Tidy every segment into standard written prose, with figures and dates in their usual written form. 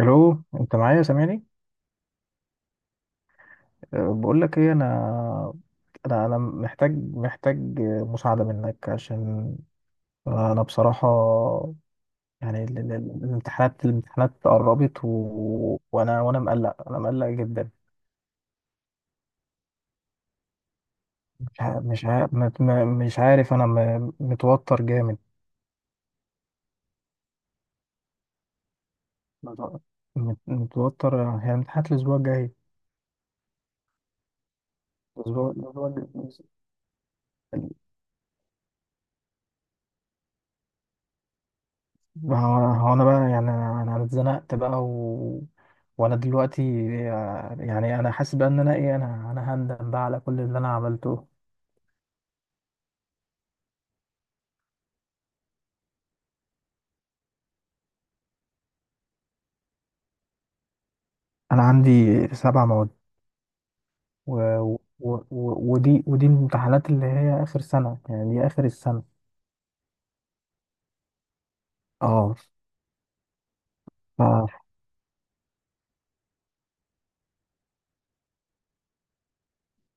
الو، انت معايا؟ سامعني؟ أه، بقول لك ايه. انا محتاج مساعده منك، عشان انا بصراحه يعني الامتحانات قربت. وانا مقلق جدا. مش عارف، انا متوتر جامد. مت- متوتر، هي امتحانات الاسبوع الجاي. الأسبوع الجاي. ما هو أنا بقى، يعني أنا اتزنقت بقى. وانا دلوقتي، يعني انا حاسس بقى ان انا ايه انا انا هندم بقى على كل اللي انا عملته. انا عندي 7 مواد. و... ودي الامتحانات اللي هي اخر سنة، يعني دي اخر السنة. اه. ف...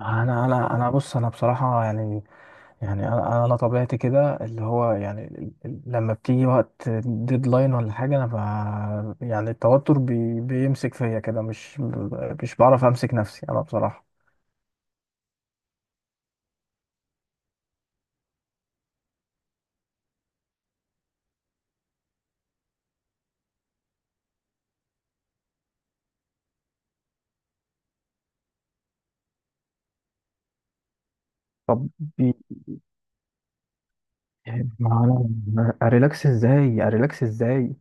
انا بص، انا بصراحة، يعني انا طبيعتي كده اللي هو يعني لما بتيجي وقت ديدلاين ولا حاجه. يعني التوتر بيمسك فيا كده. مش بعرف امسك نفسي انا بصراحه. طب، بي- ما انا اريلاكس ازاي؟ اريلاكس ازاي؟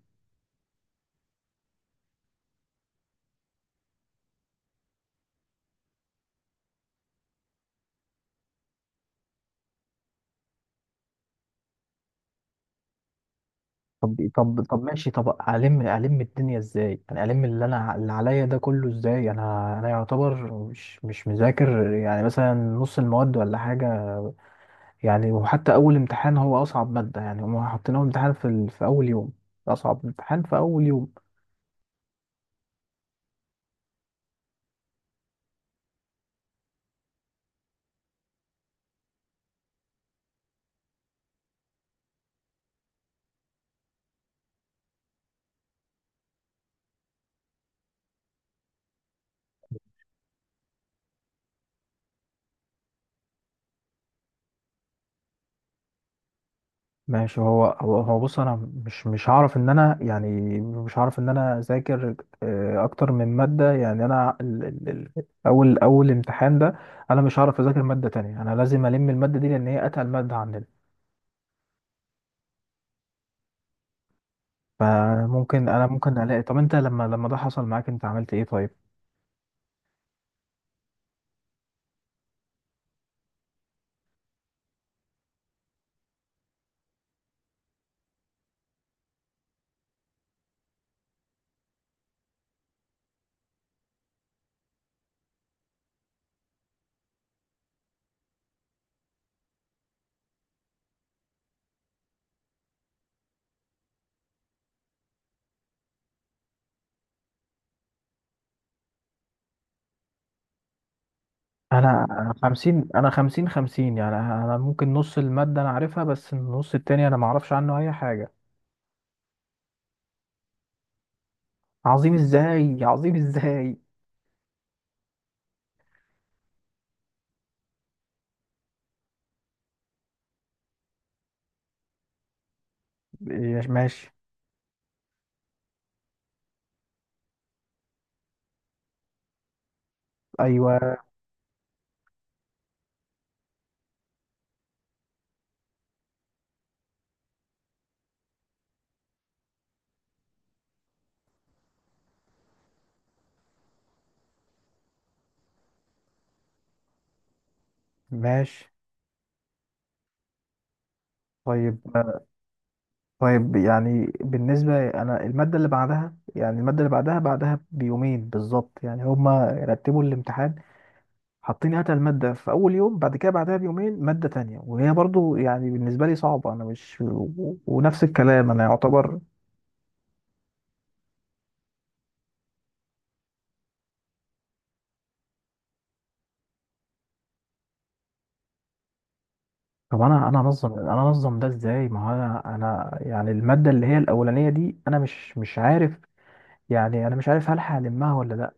طب، ماشي. طب، الم الدنيا ازاي؟ انا الم اللي انا اللي عليا ده كله ازاي؟ انا يعتبر مش مذاكر، يعني مثلا نص المواد ولا حاجه. يعني وحتى اول امتحان هو اصعب ماده، يعني هم حاطين اول امتحان في اول يوم. اصعب امتحان في اول يوم. ماشي. هو بص، انا مش هعرف ان انا يعني، مش هعرف ان انا اذاكر اكتر من ماده. يعني انا ال... ال... ال... اول اول امتحان ده، انا مش هعرف اذاكر ماده تانية. انا لازم الم الماده دي، لان هي اتقل ماده عندنا. فممكن انا ممكن الاقي. طب انت لما ده حصل معاك، انت عملت ايه، طيب؟ انا خمسين انا خمسين خمسين، يعني انا ممكن نص المادة انا عارفها، بس النص التاني انا معرفش عنه اي حاجة. عظيم ازاي؟ عظيم ازاي؟ إيه، ماشي. ايوه، ماشي. طيب، طيب، يعني بالنسبة، انا المادة اللي بعدها، يعني المادة اللي بعدها بعدها بيومين بالظبط. يعني هما رتبوا الامتحان، حاطين هاتها المادة في أول يوم، بعد كده بعدها بيومين مادة تانية، وهي برضو يعني بالنسبة لي صعبة. أنا مش و- ونفس الكلام، أنا يعتبر. طب انا انظم ده ازاي؟ ما هو انا، يعني الماده اللي هي الاولانيه دي انا مش عارف. يعني انا مش عارف هل هلمها ولا لا،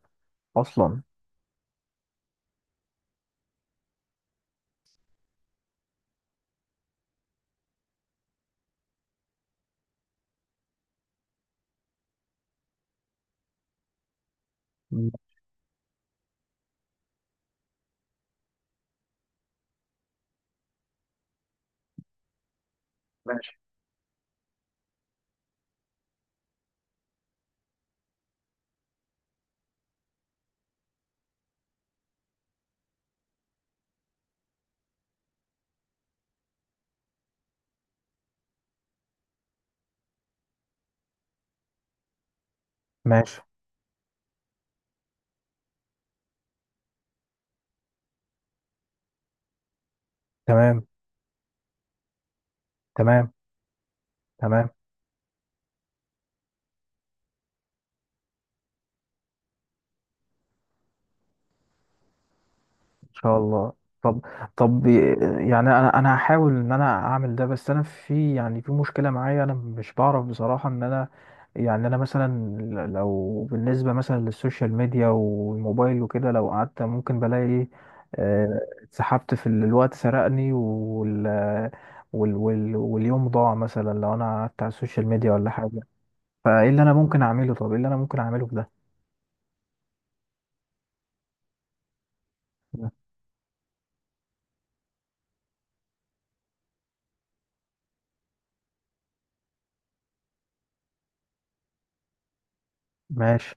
اصلا. مم. ماشي، ماشي. تمام، تمام، تمام. ان شاء الله. طب، طب، يعني انا هحاول ان انا اعمل ده، بس انا في، يعني في مشكله معايا. انا مش بعرف بصراحه ان انا، يعني انا مثلا، لو بالنسبه مثلا للسوشيال ميديا والموبايل وكده، لو قعدت ممكن بلاقي ايه، اتسحبت في الوقت، سرقني، واليوم ضاع، مثلا لو انا قعدت على السوشيال ميديا ولا حاجه. فايه اللي انا ممكن اعمله؟ طب، ايه اللي انا ممكن اعمله في ده؟ ماشي.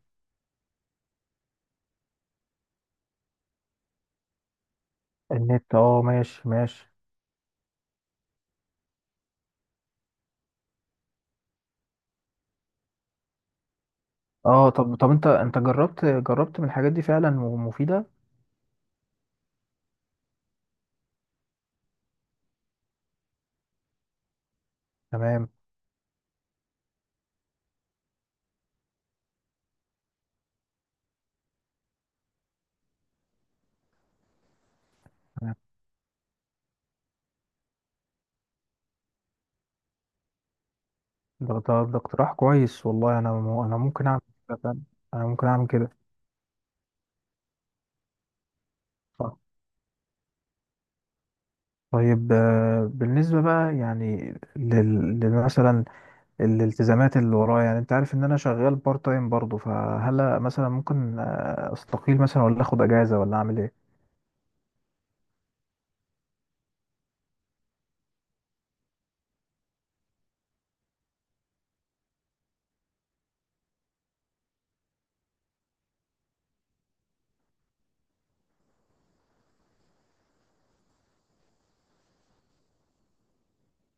النت، اه، ماشي، ماشي. اه، طب، انت جربت من الحاجات دي فعلا ومفيده؟ تمام، تمام. ده اقتراح كويس، والله. انا ممكن اعمل كده فعلا. انا ممكن اعمل كده. صح. طيب، بالنسبه بقى يعني مثلا الالتزامات اللي ورايا، يعني انت عارف ان انا شغال بارت تايم برضه، فهل مثلا ممكن استقيل مثلا، ولا اخد اجازه، ولا اعمل ايه؟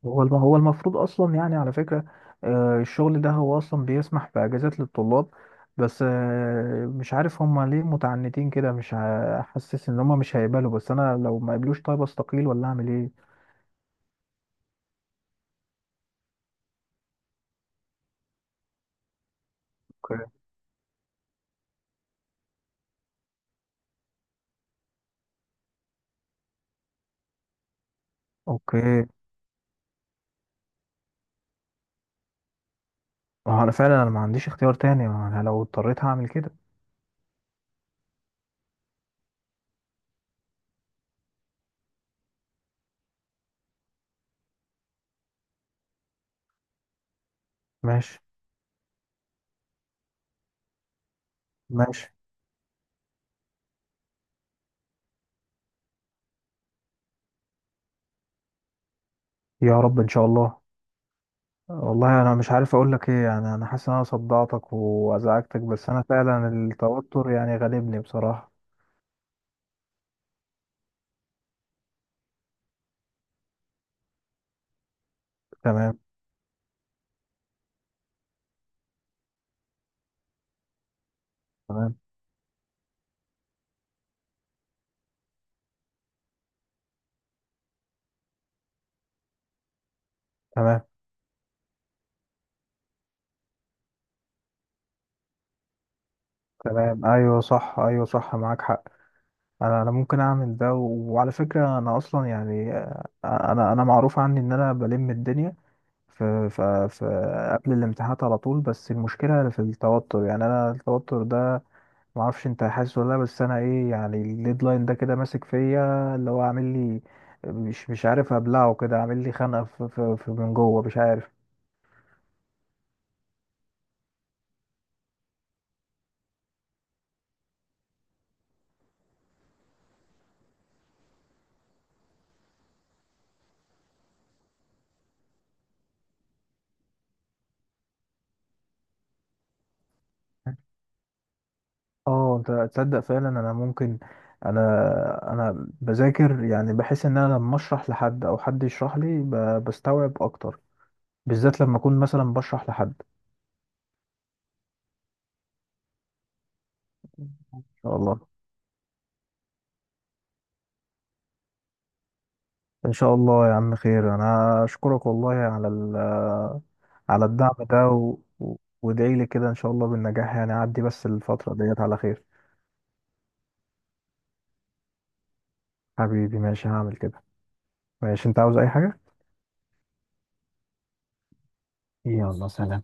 هو المفروض اصلا يعني، على فكره، الشغل ده هو اصلا بيسمح باجازات للطلاب، بس مش عارف هما ليه متعنتين كده. مش ه- حاسس ان هما مش هيقبلوا، بس انا لو ما قبلوش، طيب استقيل ولا اعمل ايه؟ اوكي، اوكي. ما هو انا فعلا، انا ما عنديش اختيار تاني. ما انا لو اضطريت هعمل كده. ماشي، ماشي. يا رب، ان شاء الله. والله، انا مش عارف اقول لك ايه. يعني انا حاسس ان انا صدعتك وازعجتك، بس انا فعلا التوتر يعني غالبني بصراحه. تمام، تمام، تمام، تمام. ايوه، صح. ايوه، صح، معاك حق. انا ممكن اعمل ده، وعلى فكره، انا اصلا يعني، انا معروف عني ان انا بلم الدنيا في قبل الامتحانات على طول. بس المشكله في التوتر. يعني انا التوتر ده، ما اعرفش انت حاسس ولا لا، بس انا، ايه، يعني الديدلاين ده كده ماسك فيا، اللي هو عامل لي مش عارف ابلعه كده، عامل لي خنقه في من جوه مش عارف. اه، انت تصدق، فعلا انا ممكن. انا انا بذاكر، يعني بحس ان انا لما اشرح لحد او حد يشرح لي بستوعب اكتر، بالذات لما اكون مثلا بشرح لحد. ان شاء الله. ان شاء الله يا عم، خير. انا اشكرك والله على على الدعم ده، وادعي لي كده ان شاء الله بالنجاح، يعني اعدي بس الفترة ديت على خير. حبيبي، ماشي، هعمل كده. ماشي، انت عاوز اي حاجة؟ يلا، سلام.